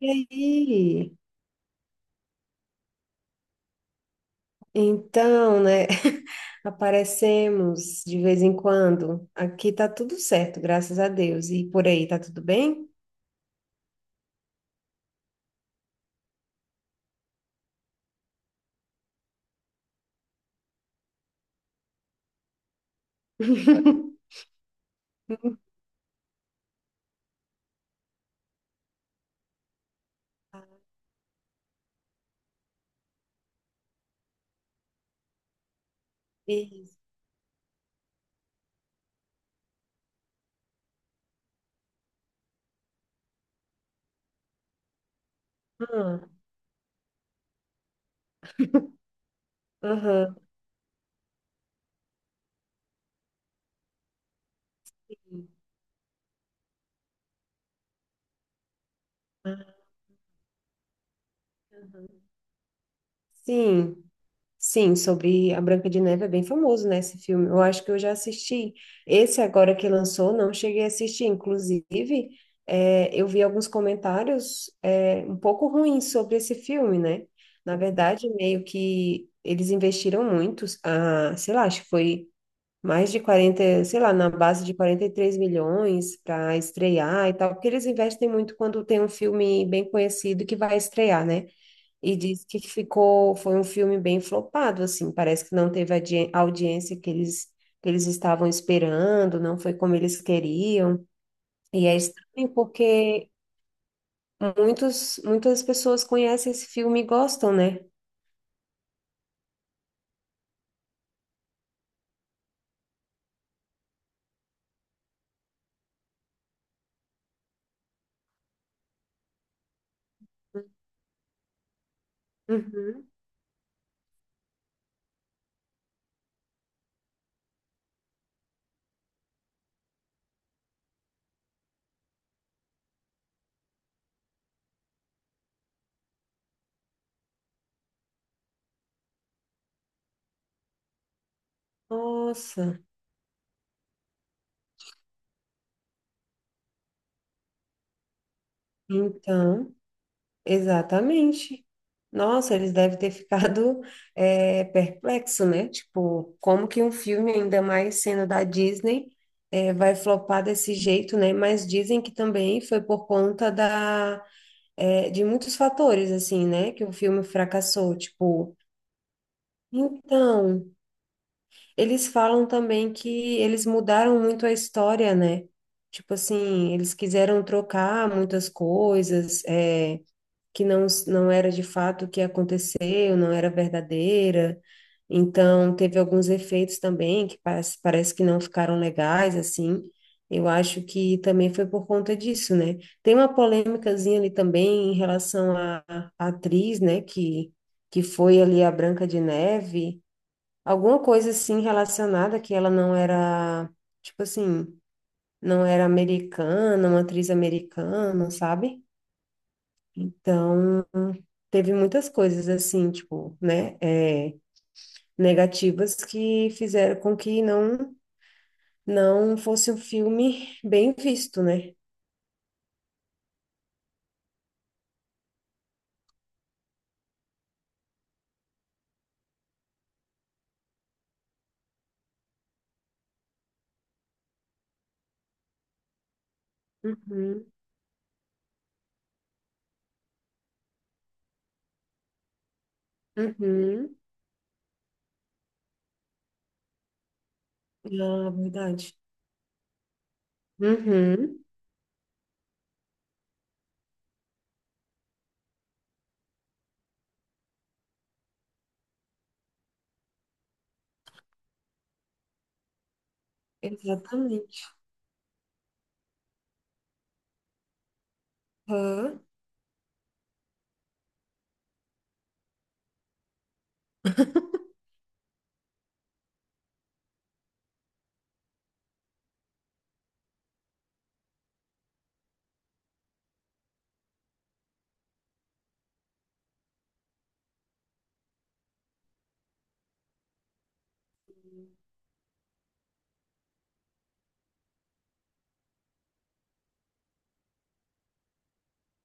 E aí? Então, né? Aparecemos de vez em quando. Aqui tá tudo certo, graças a Deus. E por aí, tá tudo bem? Isso. Ah, aham. Ah, aham. Sim. Sim, sobre a Branca de Neve é bem famoso, né, esse filme. Eu acho que eu já assisti. Esse agora que lançou, não cheguei a assistir. Inclusive, eu vi alguns comentários, um pouco ruins sobre esse filme, né? Na verdade, meio que eles investiram muito, ah, sei lá, acho que foi mais de 40 sei lá, na base de 43 milhões para estrear e tal, porque eles investem muito quando tem um filme bem conhecido que vai estrear, né? E diz que foi um filme bem flopado, assim, parece que não teve a audiência que eles estavam esperando, não foi como eles queriam. E é estranho porque muitas pessoas conhecem esse filme e gostam, né? Uhum. Nossa, então. Exatamente. Nossa, eles devem ter ficado perplexo, né? Tipo, como que um filme, ainda mais sendo da Disney, vai flopar desse jeito, né? Mas dizem que também foi por conta da, de muitos fatores, assim, né? Que o filme fracassou. Tipo, então, eles falam também que eles mudaram muito a história, né? Tipo assim, eles quiseram trocar muitas coisas, que não, não era de fato o que aconteceu, não era verdadeira. Então, teve alguns efeitos também parece que não ficaram legais, assim. Eu acho que também foi por conta disso, né? Tem uma polêmicazinha ali também em relação à atriz, né, que foi ali a Branca de Neve, alguma coisa assim relacionada que ela não era, tipo assim, não era americana, uma atriz americana, sabe? Então, teve muitas coisas assim, tipo, né, negativas que fizeram com que não fosse um filme bem visto, né? Uhum, uhum, ah, verdade. Uhum, exatamente. Hã?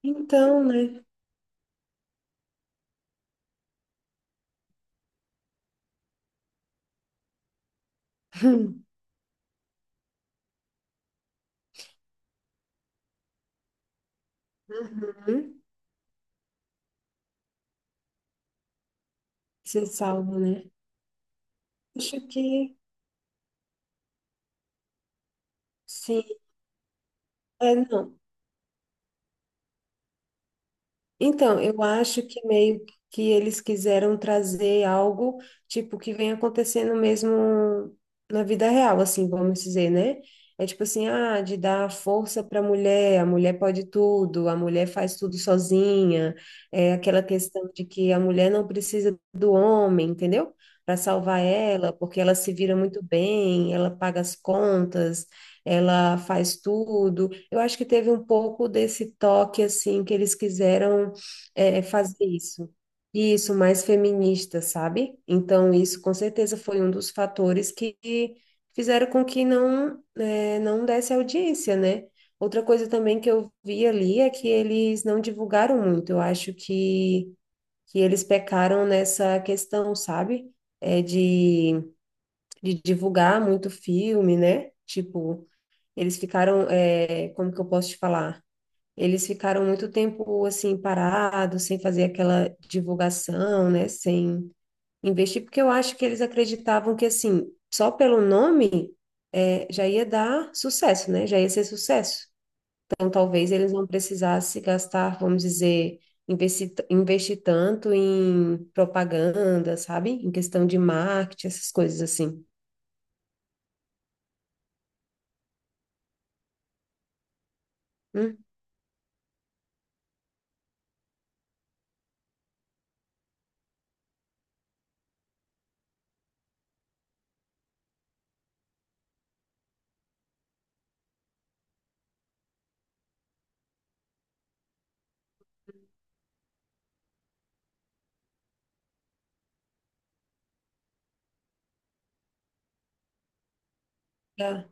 Então, né? Uhum, ser salvo, né? Acho que sim. É, não. Então, eu acho que meio que eles quiseram trazer algo tipo que vem acontecendo mesmo na vida real, assim, vamos dizer, né? É tipo assim, ah, de dar força para a mulher pode tudo, a mulher faz tudo sozinha, é aquela questão de que a mulher não precisa do homem, entendeu? Para salvar ela, porque ela se vira muito bem, ela paga as contas, ela faz tudo. Eu acho que teve um pouco desse toque assim que eles quiseram fazer isso. Isso, mais feminista, sabe? Então, isso com certeza foi um dos fatores que fizeram com que não, não desse audiência, né? Outra coisa também que eu vi ali é que eles não divulgaram muito. Eu acho que eles pecaram nessa questão, sabe? É de divulgar muito filme, né? Tipo, eles ficaram, como que eu posso te falar? Eles ficaram muito tempo assim parados, sem fazer aquela divulgação, né, sem investir, porque eu acho que eles acreditavam que assim, só pelo nome já ia dar sucesso, né? Já ia ser sucesso. Então talvez eles não precisassem gastar, vamos dizer, investir, investir tanto em propaganda, sabe? Em questão de marketing, essas coisas assim. Hum, tá.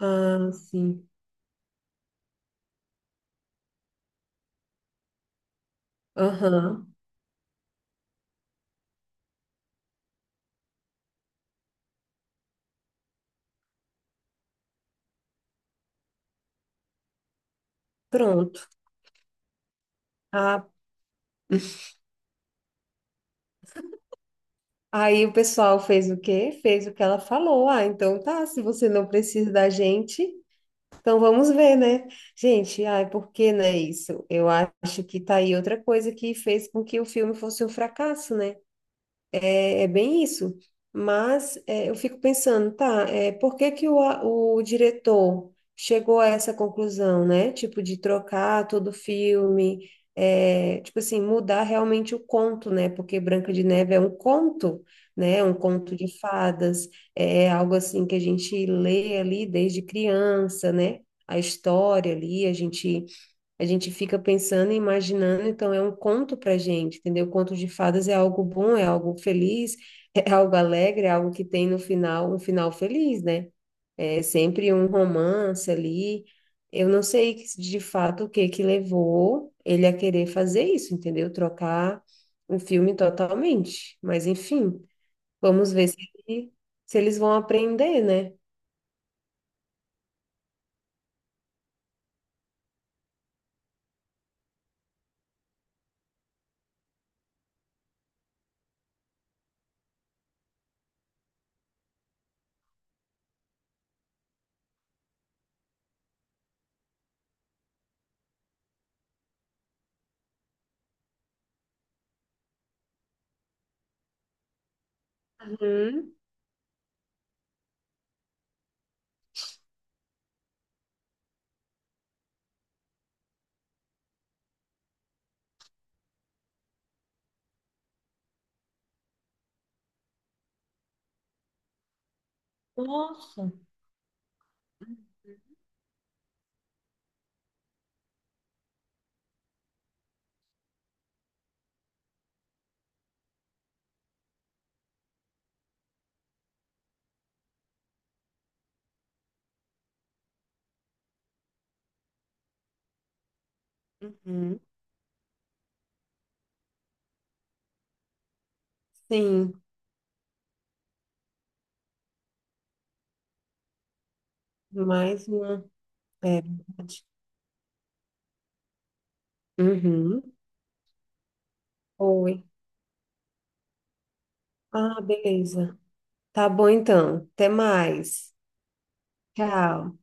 Ah, sim. Aham. Pronto. Ah, aí o pessoal fez o quê? Fez o que ela falou. Ah, então tá, se você não precisa da gente, então vamos ver, né? Gente, ai, por que não é isso? Eu acho que tá aí outra coisa que fez com que o filme fosse um fracasso, né? É, é bem isso. Mas é, eu fico pensando, tá, por que que o diretor chegou a essa conclusão, né? Tipo, de trocar todo o filme, tipo assim, mudar realmente o conto, né? Porque Branca de Neve é um conto, né? É um conto de fadas, é algo assim que a gente lê ali desde criança, né? A história ali, a gente fica pensando e imaginando, então é um conto para gente, entendeu? Conto de fadas é algo bom, é algo feliz, é algo alegre, é algo que tem no final um final feliz, né? É sempre um romance ali. Eu não sei de fato o que que levou ele a querer fazer isso, entendeu? Trocar o filme totalmente. Mas enfim, vamos ver se, ele- se eles vão aprender, né? Uhum. Nossa. Uhum. Sim, mais uma. É, verdade. Uhum. Oi. Ah, beleza. Tá bom então. Até mais. Tchau.